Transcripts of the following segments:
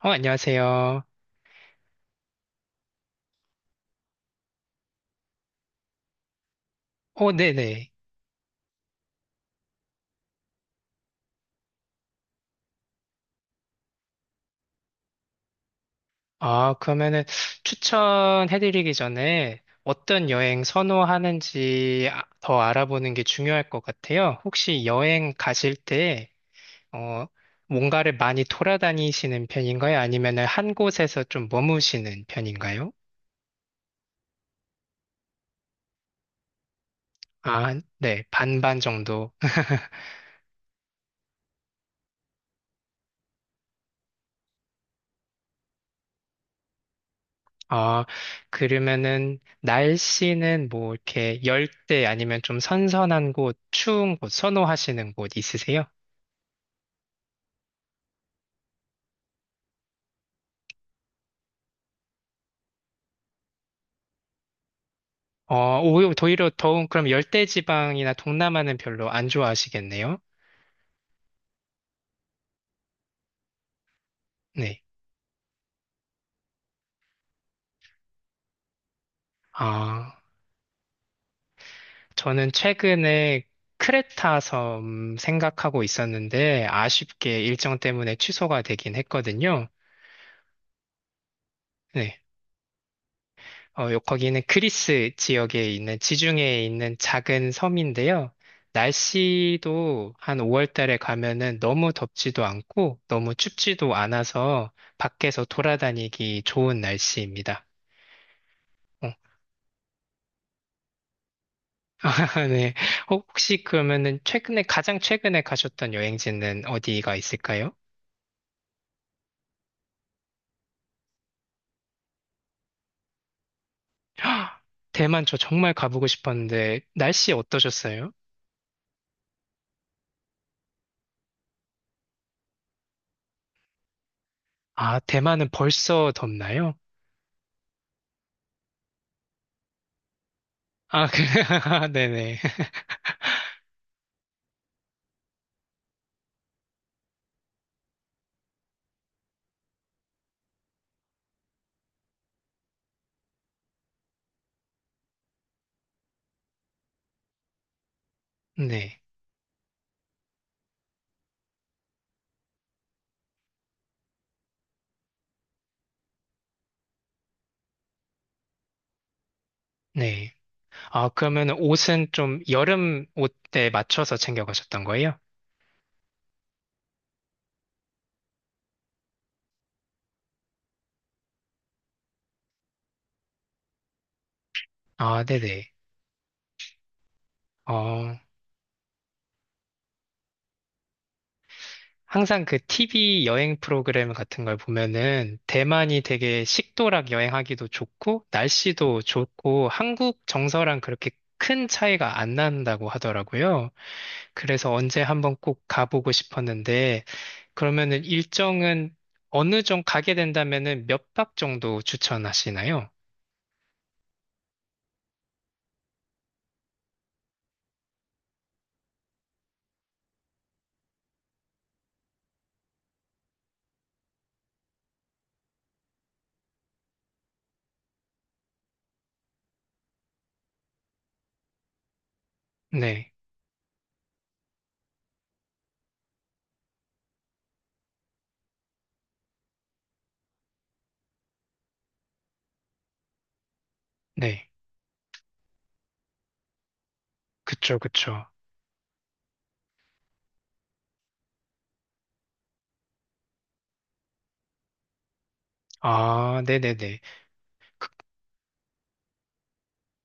안녕하세요. 네네. 그러면은 추천해드리기 전에 어떤 여행 선호하는지 더 알아보는 게 중요할 것 같아요. 혹시 여행 가실 때, 어, 뭔가를 많이 돌아다니시는 편인가요? 아니면은 한 곳에서 좀 머무시는 편인가요? 아, 네. 반반 정도. 아, 그러면은 날씨는 뭐 이렇게 열대 아니면 좀 선선한 곳, 추운 곳 선호하시는 곳 있으세요? 오히려 더운 그럼 열대지방이나 동남아는 별로 안 좋아하시겠네요? 네. 아, 저는 최근에 크레타 섬 생각하고 있었는데 아쉽게 일정 때문에 취소가 되긴 했거든요. 네. 거기는 그리스 지역에 있는 지중해에 있는 작은 섬인데요. 날씨도 한 5월 달에 가면은 너무 덥지도 않고 너무 춥지도 않아서 밖에서 돌아다니기 좋은 날씨입니다. 어, 아, 네. 혹- 시 그러면은 가장 최근에 가셨던 여행지는 어디가 있을까요? 대만 저 정말 가보고 싶었는데, 날씨 어떠셨어요? 아, 대만은 벌써 덥나요? 아, 그, 네네. 네. 네. 아, 그러면 옷은 좀 여름 옷에 맞춰서 챙겨가셨던 거예요? 아, 네네. 어, 항상 그 TV 여행 프로그램 같은 걸 보면은 대만이 되게 식도락 여행하기도 좋고 날씨도 좋고 한국 정서랑 그렇게 큰 차이가 안 난다고 하더라고요. 그래서 언제 한번 꼭 가보고 싶었는데 그러면은 일정은 어느 정도 가게 된다면은 몇 박 정도 추천하시나요? 네, 네. 그쵸, 그쵸. 아, 네네네.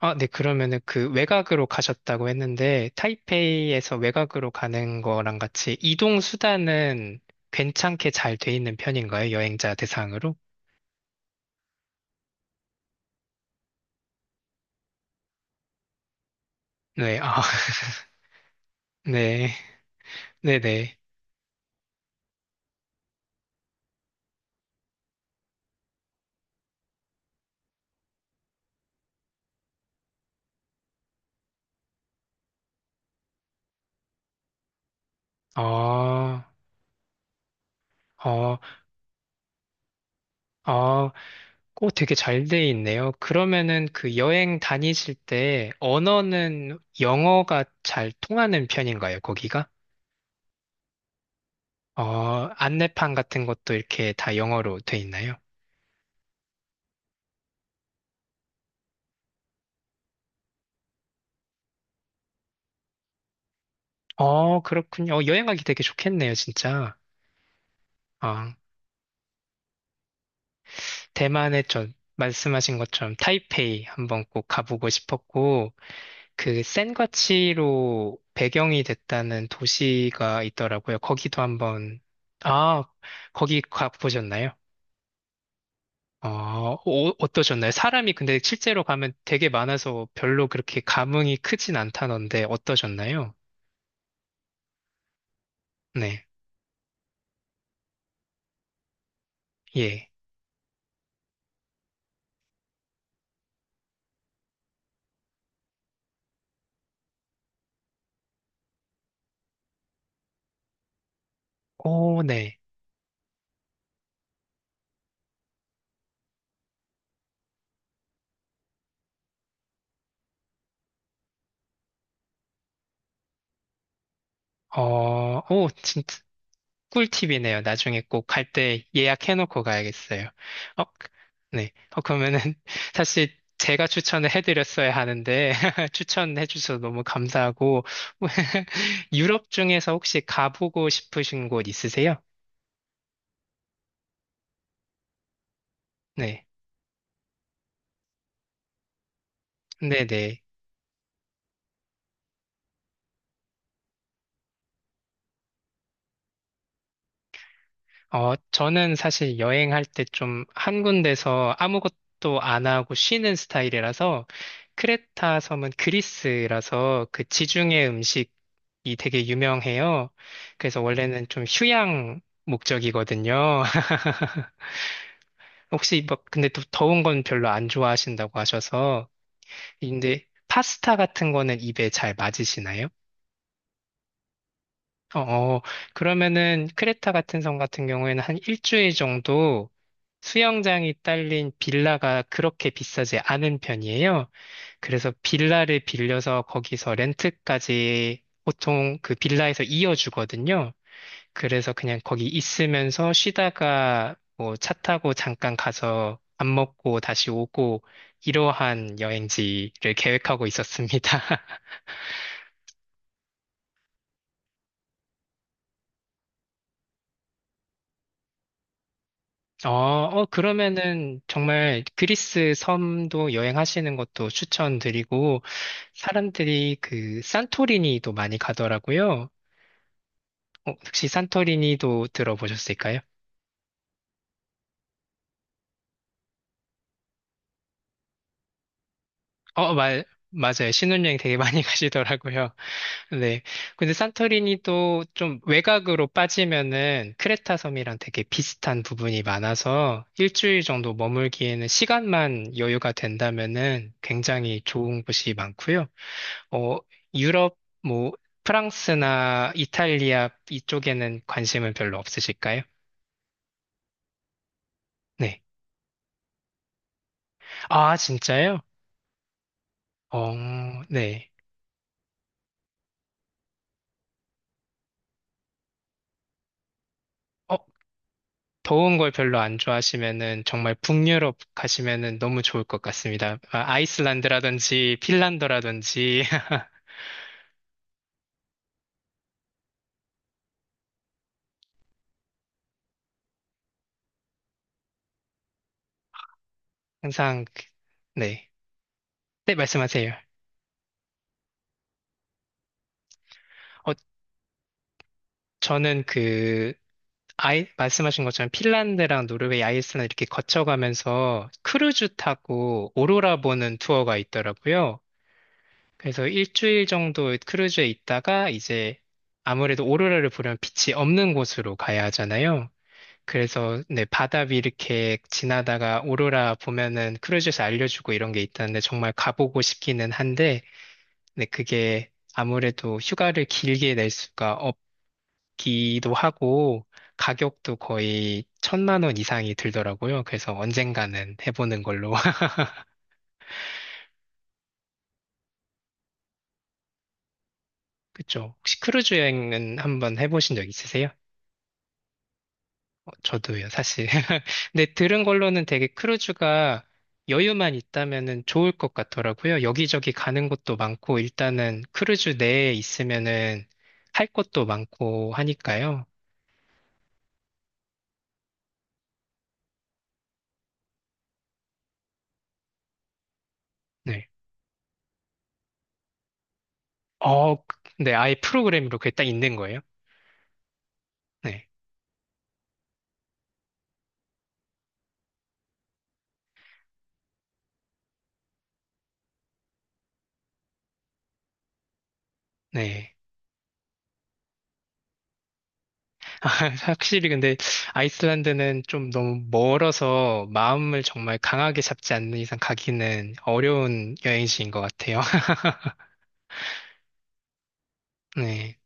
아, 네, 그러면은 그 외곽으로 가셨다고 했는데, 타이페이에서 외곽으로 가는 거랑 같이 이동 수단은 괜찮게 잘 돼 있는 편인가요? 여행자 대상으로? 네, 아, 네, 네네. 아, 어, 아, 꼭 되게 잘 돼 있네요. 그러면은 그 여행 다니실 때 언어는 영어가 잘 통하는 편인가요, 거기가? 안내판 같은 것도 이렇게 다 영어로 돼 있나요? 어, 그렇군요. 여행 가기 되게 좋겠네요, 진짜. 아, 대만에 저 말씀하신 것처럼 타이페이 한번 꼭 가보고 싶었고, 그 센과치로 배경이 됐다는 도시가 있더라고요. 거기도 한번, 아, 거기 가보셨나요? 어떠셨나요? 사람이 근데 실제로 가면 되게 많아서 별로 그렇게 감흥이 크진 않다던데 어떠셨나요? 네, 예. 오, 네. 진짜. 꿀팁이네요. 나중에 꼭 갈 때 예약해놓고 가야겠어요. 어, 네. 그러면은 사실 제가 추천을 해드렸어야 하는데 추천해주셔서 너무 감사하고 유럽 중에서 혹시 가보고 싶으신 곳 있으세요? 네. 네네. 저는 사실 여행할 때 좀 한 군데서 아무것도 안 하고 쉬는 스타일이라서 크레타 섬은 그리스라서 그 지중해 음식이 되게 유명해요. 그래서 원래는 좀 휴양 목적이거든요. 혹시 막 근데 또 더운 건 별로 안 좋아하신다고 하셔서 근데 파스타 같은 거는 입에 잘 맞으시나요? 어, 그러면은 크레타 같은 섬 같은 경우에는 한 일주일 정도 수영장이 딸린 빌라가 그렇게 비싸지 않은 편이에요. 그래서 빌라를 빌려서 거기서 렌트까지 보통 그 빌라에서 이어주거든요. 그래서 그냥 거기 있으면서 쉬다가 뭐 차 타고 잠깐 가서 밥 먹고 다시 오고 이러한 여행지를 계획하고 있었습니다. 그러면은 정말 그리스 섬도 여행하시는 것도 추천드리고, 사람들이 그 산토리니도 많이 가더라고요. 어, 혹시 산토리니도 들어보셨을까요? 맞아요. 신혼여행 되게 많이 가시더라고요. 네. 근데 산토리니도 좀 외곽으로 빠지면은 크레타 섬이랑 되게 비슷한 부분이 많아서 일주일 정도 머물기에는 시간만 여유가 된다면은 굉장히 좋은 곳이 많고요. 어, 유럽, 뭐, 프랑스나 이탈리아 이쪽에는 관심은 별로 없으실까요? 네. 아, 진짜요? 어, 네. 어, 더운 걸 별로 안 좋아하시면은 정말 북유럽 가시면은 너무 좋을 것 같습니다. 아, 아이슬란드라든지 핀란드라든지 항상, 그- 네. 네, 말씀하세요. 어, 저는 말씀하신 것처럼 핀란드랑 노르웨이, 아이슬란드 이렇게 거쳐가면서 크루즈 타고 오로라 보는 투어가 있더라고요. 그래서 일주일 정도 크루즈에 있다가 이제 아무래도 오로라를 보려면 빛이 없는 곳으로 가야 하잖아요. 그래서 네, 바다 위 이렇게 지나다가 오로라 보면은 크루즈에서 알려주고 이런 게 있다는데 정말 가보고 싶기는 한데 네, 그게 아무래도 휴가를 길게 낼 수가 기도 하고 가격도 거의 1,000만 원 이상이 들더라고요. 그래서 언젠가는 해보는 걸로. 그쵸. 혹시 크루즈 여행은 한번 해보신 적 있으세요? 저도요, 사실. 근데 들은 걸로는 되게 크루즈가 여유만 있다면은 좋을 것 같더라고요. 여기저기 가는 곳도 많고 일단은 크루즈 내에 있으면은 할 것도 많고 하니까요. 네. 네, 아예 프로그램으로 그게 딱 있는 거예요. 네. 네. 확실히 근데 아이슬란드는 좀 너무 멀어서 마음을 정말 강하게 잡지 않는 이상 가기는 어려운 여행지인 것 같아요. 네,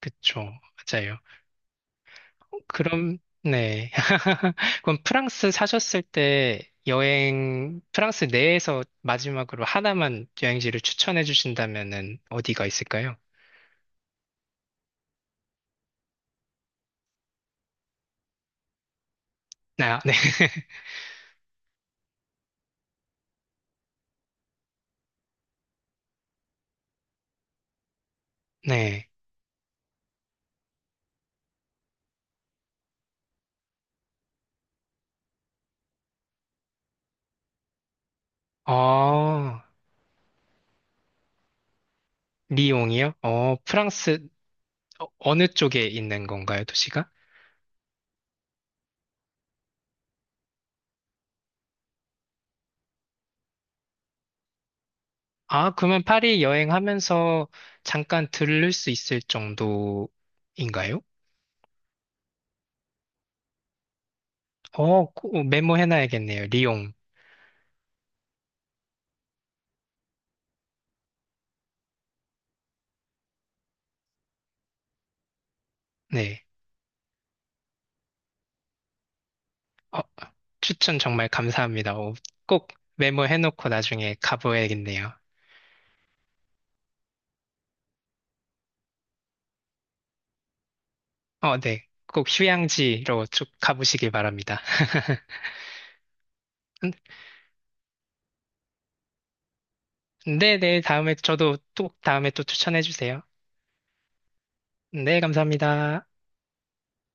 그쵸. 맞아요. 그럼, 네. 그럼 프랑스 사셨을 때 프랑스 내에서 마지막으로 하나만 여행지를 추천해 주신다면은 어디가 있을까요? 아, 네. 네. 어, 리옹이요? 어, 어느 쪽에 있는 건가요, 도시가? 아, 그러면 파리 여행하면서 잠깐 들를 수 있을 정도인가요? 어, 꼭 메모해놔야겠네요. 리옹. 네. 어, 추천 정말 감사합니다. 어, 꼭 메모해놓고 나중에 가보야겠네요. 어, 네. 꼭 휴양지로 쭉 가보시길 바랍니다. 네, 네. 다음에 또 추천해주세요. 네, 감사합니다.